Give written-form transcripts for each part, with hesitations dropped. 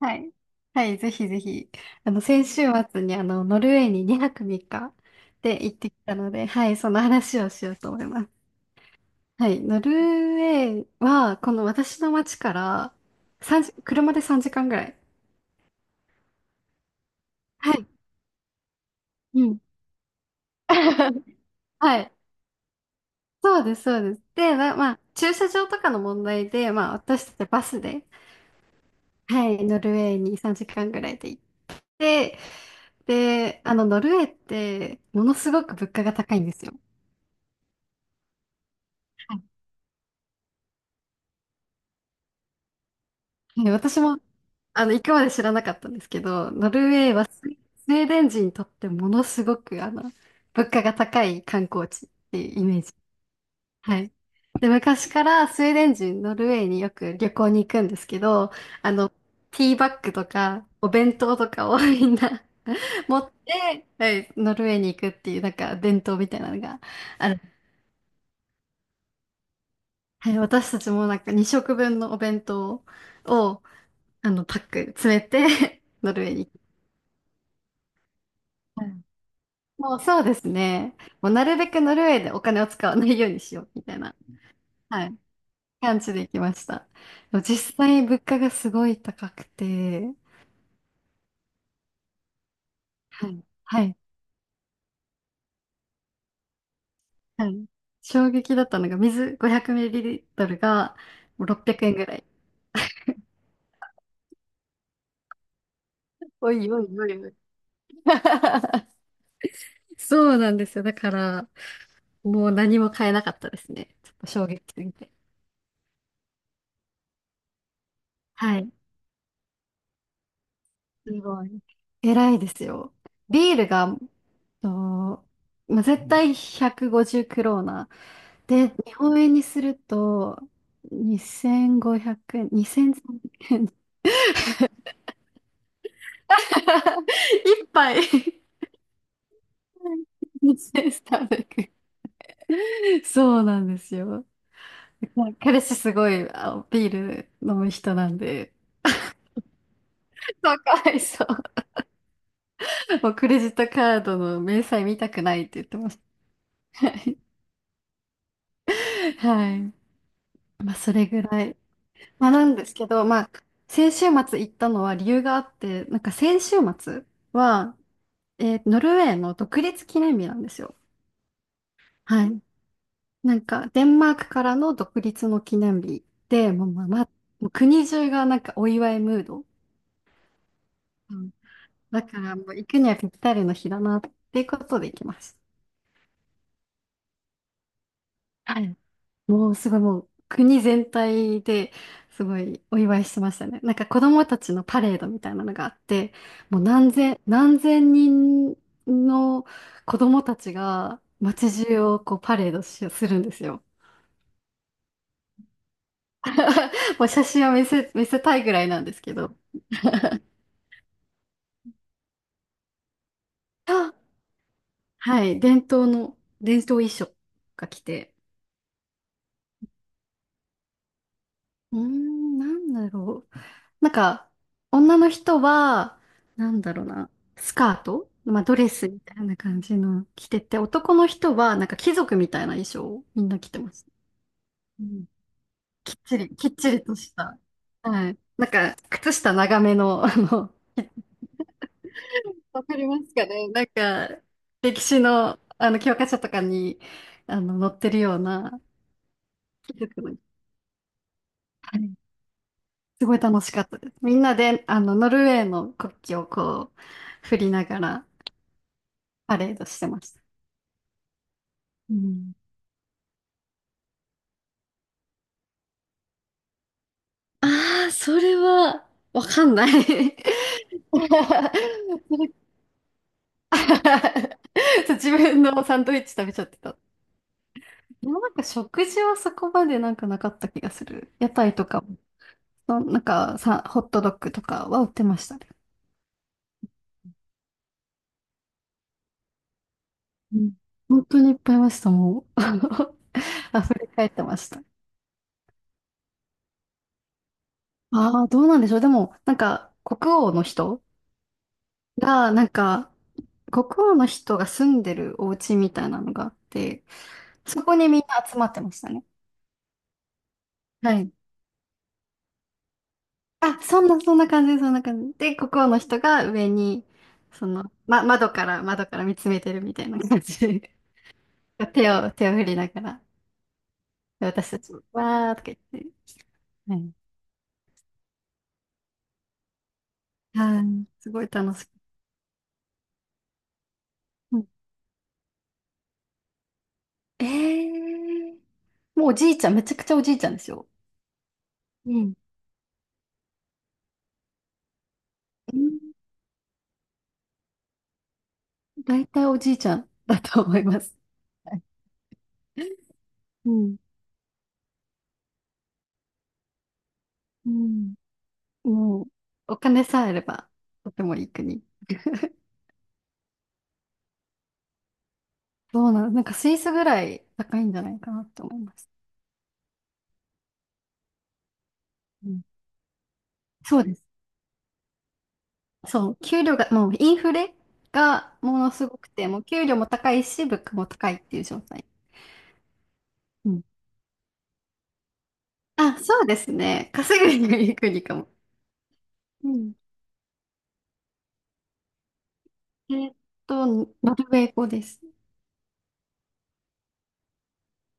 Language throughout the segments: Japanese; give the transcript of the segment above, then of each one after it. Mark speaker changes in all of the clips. Speaker 1: はい。はい、ぜひぜひ。先週末にノルウェーに2泊3日で行ってきたので、はい、その話をしようと思います。はい、ノルウェーは、この私の町から3時車で3時間ぐらい。はい。うん。はい。そうです、そうです。で、まあ、駐車場とかの問題で、まあ、私たちバスで、はい、ノルウェーに3時間ぐらいで行って、で、ノルウェーって、ものすごく物価が高いんですよ。はい。はい、私も行くまで知らなかったんですけど、ノルウェーはスウェーデン人にとってものすごく、物価が高い観光地っていうイメージ。はい。で、昔からスウェーデン人、ノルウェーによく旅行に行くんですけど、あの、ティーバッグとか、お弁当とかを みんな 持って、はい、ノルウェーに行くっていう、なんか伝統みたいなのがある。はい、私たちもなんか2食分のお弁当を、パック詰めて ノルウェーに行く。もうそうですね。もうなるべくノルウェーでお金を使わないようにしようみたいな、はい、感じで行きました。でも実際物価がすごい高くて、はい、はい、はい。衝撃だったのが水 500ml がもう600円ぐらい。おいおいおいおい。そうなんですよ。だから、もう何も買えなかったですね。ちょっと衝撃すぎて。はい。すごい。偉いですよ。ビールが、と、まあ、絶対150クローナ。で、日本円にすると、2500円、2300円。一杯2300。そうなんですよ。彼氏すごいビール飲む人なんで、そうかわいそう。もうクレジットカードの明細見たくないって言ってました。はい。はい、まあ、それぐらい。まあ、なんですけど、まあ、先週末行ったのは理由があって、なんか先週末は、ノルウェーの独立記念日なんですよ。はい。なんか、デンマークからの独立の記念日で、もう、まあまあ、もう国中がなんかお祝いムード。うん、だから、もう行くにはぴったりの日だなっていうことで行きます。はい、もうすごい、もう国全体ですごいお祝いしてましたね。なんか子供たちのパレードみたいなのがあって、もう何千人の子供たちが街中をこうパレードするんですよ。もう写真を見せたいぐらいなんですけど。あはい、伝統衣装が来て。うーん、なんだろう。なんか、女の人は、なんだろうな、スカート、まあ、ドレスみたいな感じの着てて、男の人は、なんか貴族みたいな衣装をみんな着てます。うん。きっちり、きっちりとした。はい。なんか、靴下長めの、わかりますかね、なんか、歴史の、教科書とかに、載ってるような、貴族の、はい。すごい楽しかったです。みんなで、ノルウェーの国旗をこう、振りながら、パレードしてました。うん。ああ、それは、わかんない。それ そう、自分のサンドイッチ食べちゃってた。でもなんか食事はそこまでなんかなかった気がする。屋台とか、そのなんかさ、ホットドッグとかは売ってましたね。うん、本当にいっぱいいました、もう。溢れ返ってました。ああ、どうなんでしょう。でも、なんか、が、なんか、国王の人が住んでるお家みたいなのがあって、そこにみんな集まってましたね。はい。そんな感じ、そんな感じ。で、国王の人が上に、窓から見つめてるみたいな感じ。手を振りながら、で、私たちも、わーとか言って。はい。はい。すごい楽しく。うん、えー、もうおじいちゃん、めちゃくちゃおじいちゃんですよ。うん。うん、大体おじいちゃんだと思います。はい。うん。うん、もう、お金さえあれば、とてもいい国。どうなの、なんかスイスぐらい高いんじゃないかなって思います。うん、そうです。そう、給料が、もうインフレがものすごくて、もう給料も高いし、物価も高いっていう状態。うん、そうですね。稼ぐにはいい国かも。うん、えーっノルウェー語です。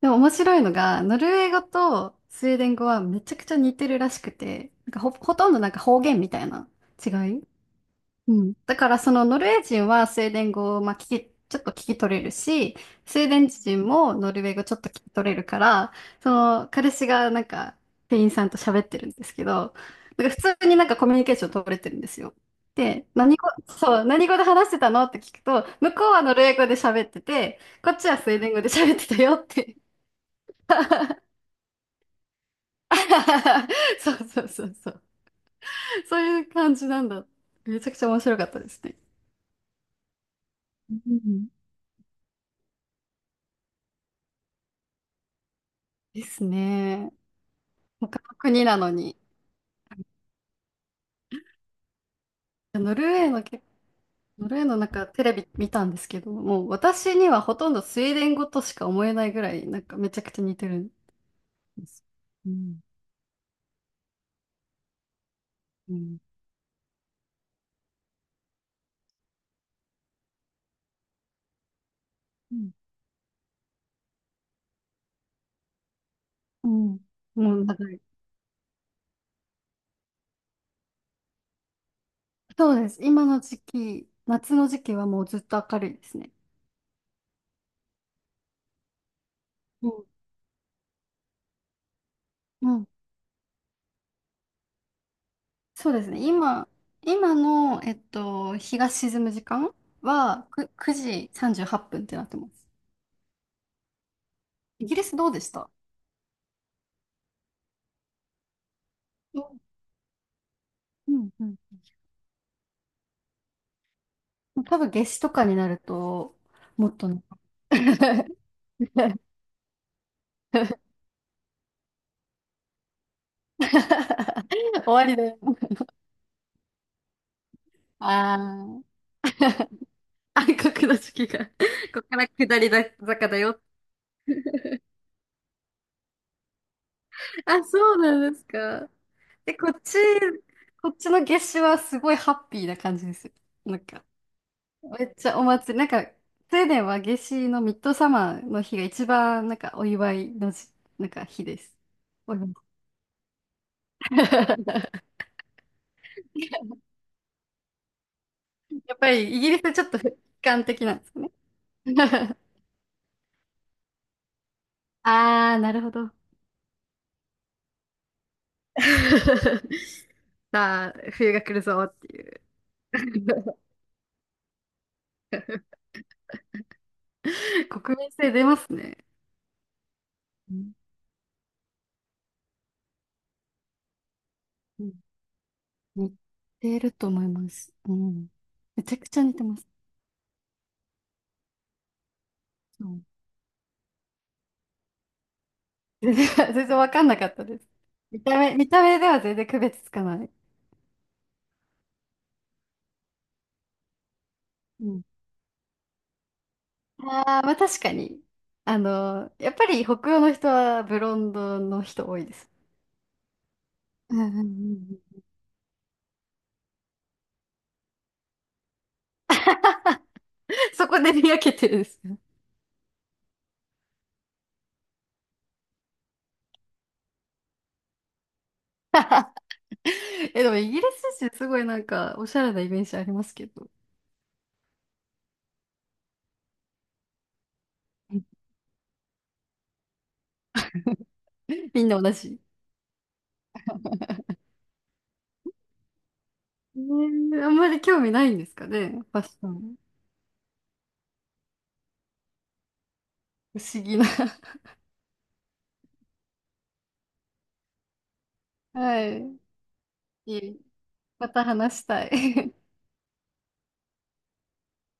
Speaker 1: でも面白いのが、ノルウェー語とスウェーデン語はめちゃくちゃ似てるらしくて、なんか、ほとんどなんか方言みたいな違い。うん、だからそのノルウェー人はスウェーデン語をまあ、ちょっと聞き取れるし、スウェーデン人もノルウェー語ちょっと聞き取れるから、その彼氏がなんか店員さんと喋ってるんですけど、なんか普通になんかコミュニケーション取れてるんですよ。で、そう、何語で話してたのって聞くと、向こうはノルウェー語で喋ってて、こっちはスウェーデン語で喋ってたよって。そうそうそうそう。そういう感じなんだ。めちゃくちゃ面白かったですね。うん、ですね。他の国なのに。ノルウェーのけ、ノルウェーのなんかテレビ見たんですけど、もう私にはほとんどスウェーデン語としか思えないぐらい、なんかめちゃくちゃ似てるんです。うん。うん。うんうん。もうなんから、そうです。今の時期、夏の時期はもうずっと明るいですね。うん。うん。そうですね。今の、日が沈む時間はく9時38分っぷんってなってます。イギリスどうでした。うんうんうん、多分夏至とかになると、もっとね。 終わりだよ。あー。暗黒の時期が、ここから下りだ坂だよ。あ、そうなんですか。で、こっちの夏至はすごいハッピーな感じですよ。なんか、めっちゃお祭り、なんか、スウェーデンは夏至のミッドサマーの日が一番、なんか、お祝いのじ、なんか、日です。お祝い やっぱり、イギリスはちょっと悲観的なんですね。ああ、なるほど。さあ、冬が来るぞっていう。国民性出ますね。うんうん、似てると思います。うん。めちゃくちゃ似てます。うん、全然、全然わかんなかったです。見た目では全然区別つかない。うん。ああ、まあ確かに。やっぱり北欧の人はブロンドの人多いです。うんうんうんうん、そこで見分けてるんです。え、でもイギリス人、すごいなんか、おしゃれなイメージありますけど。みんな同じ。あんまり興味ないんですかね、ファッション。不思議な。はい。いえ、また話したい。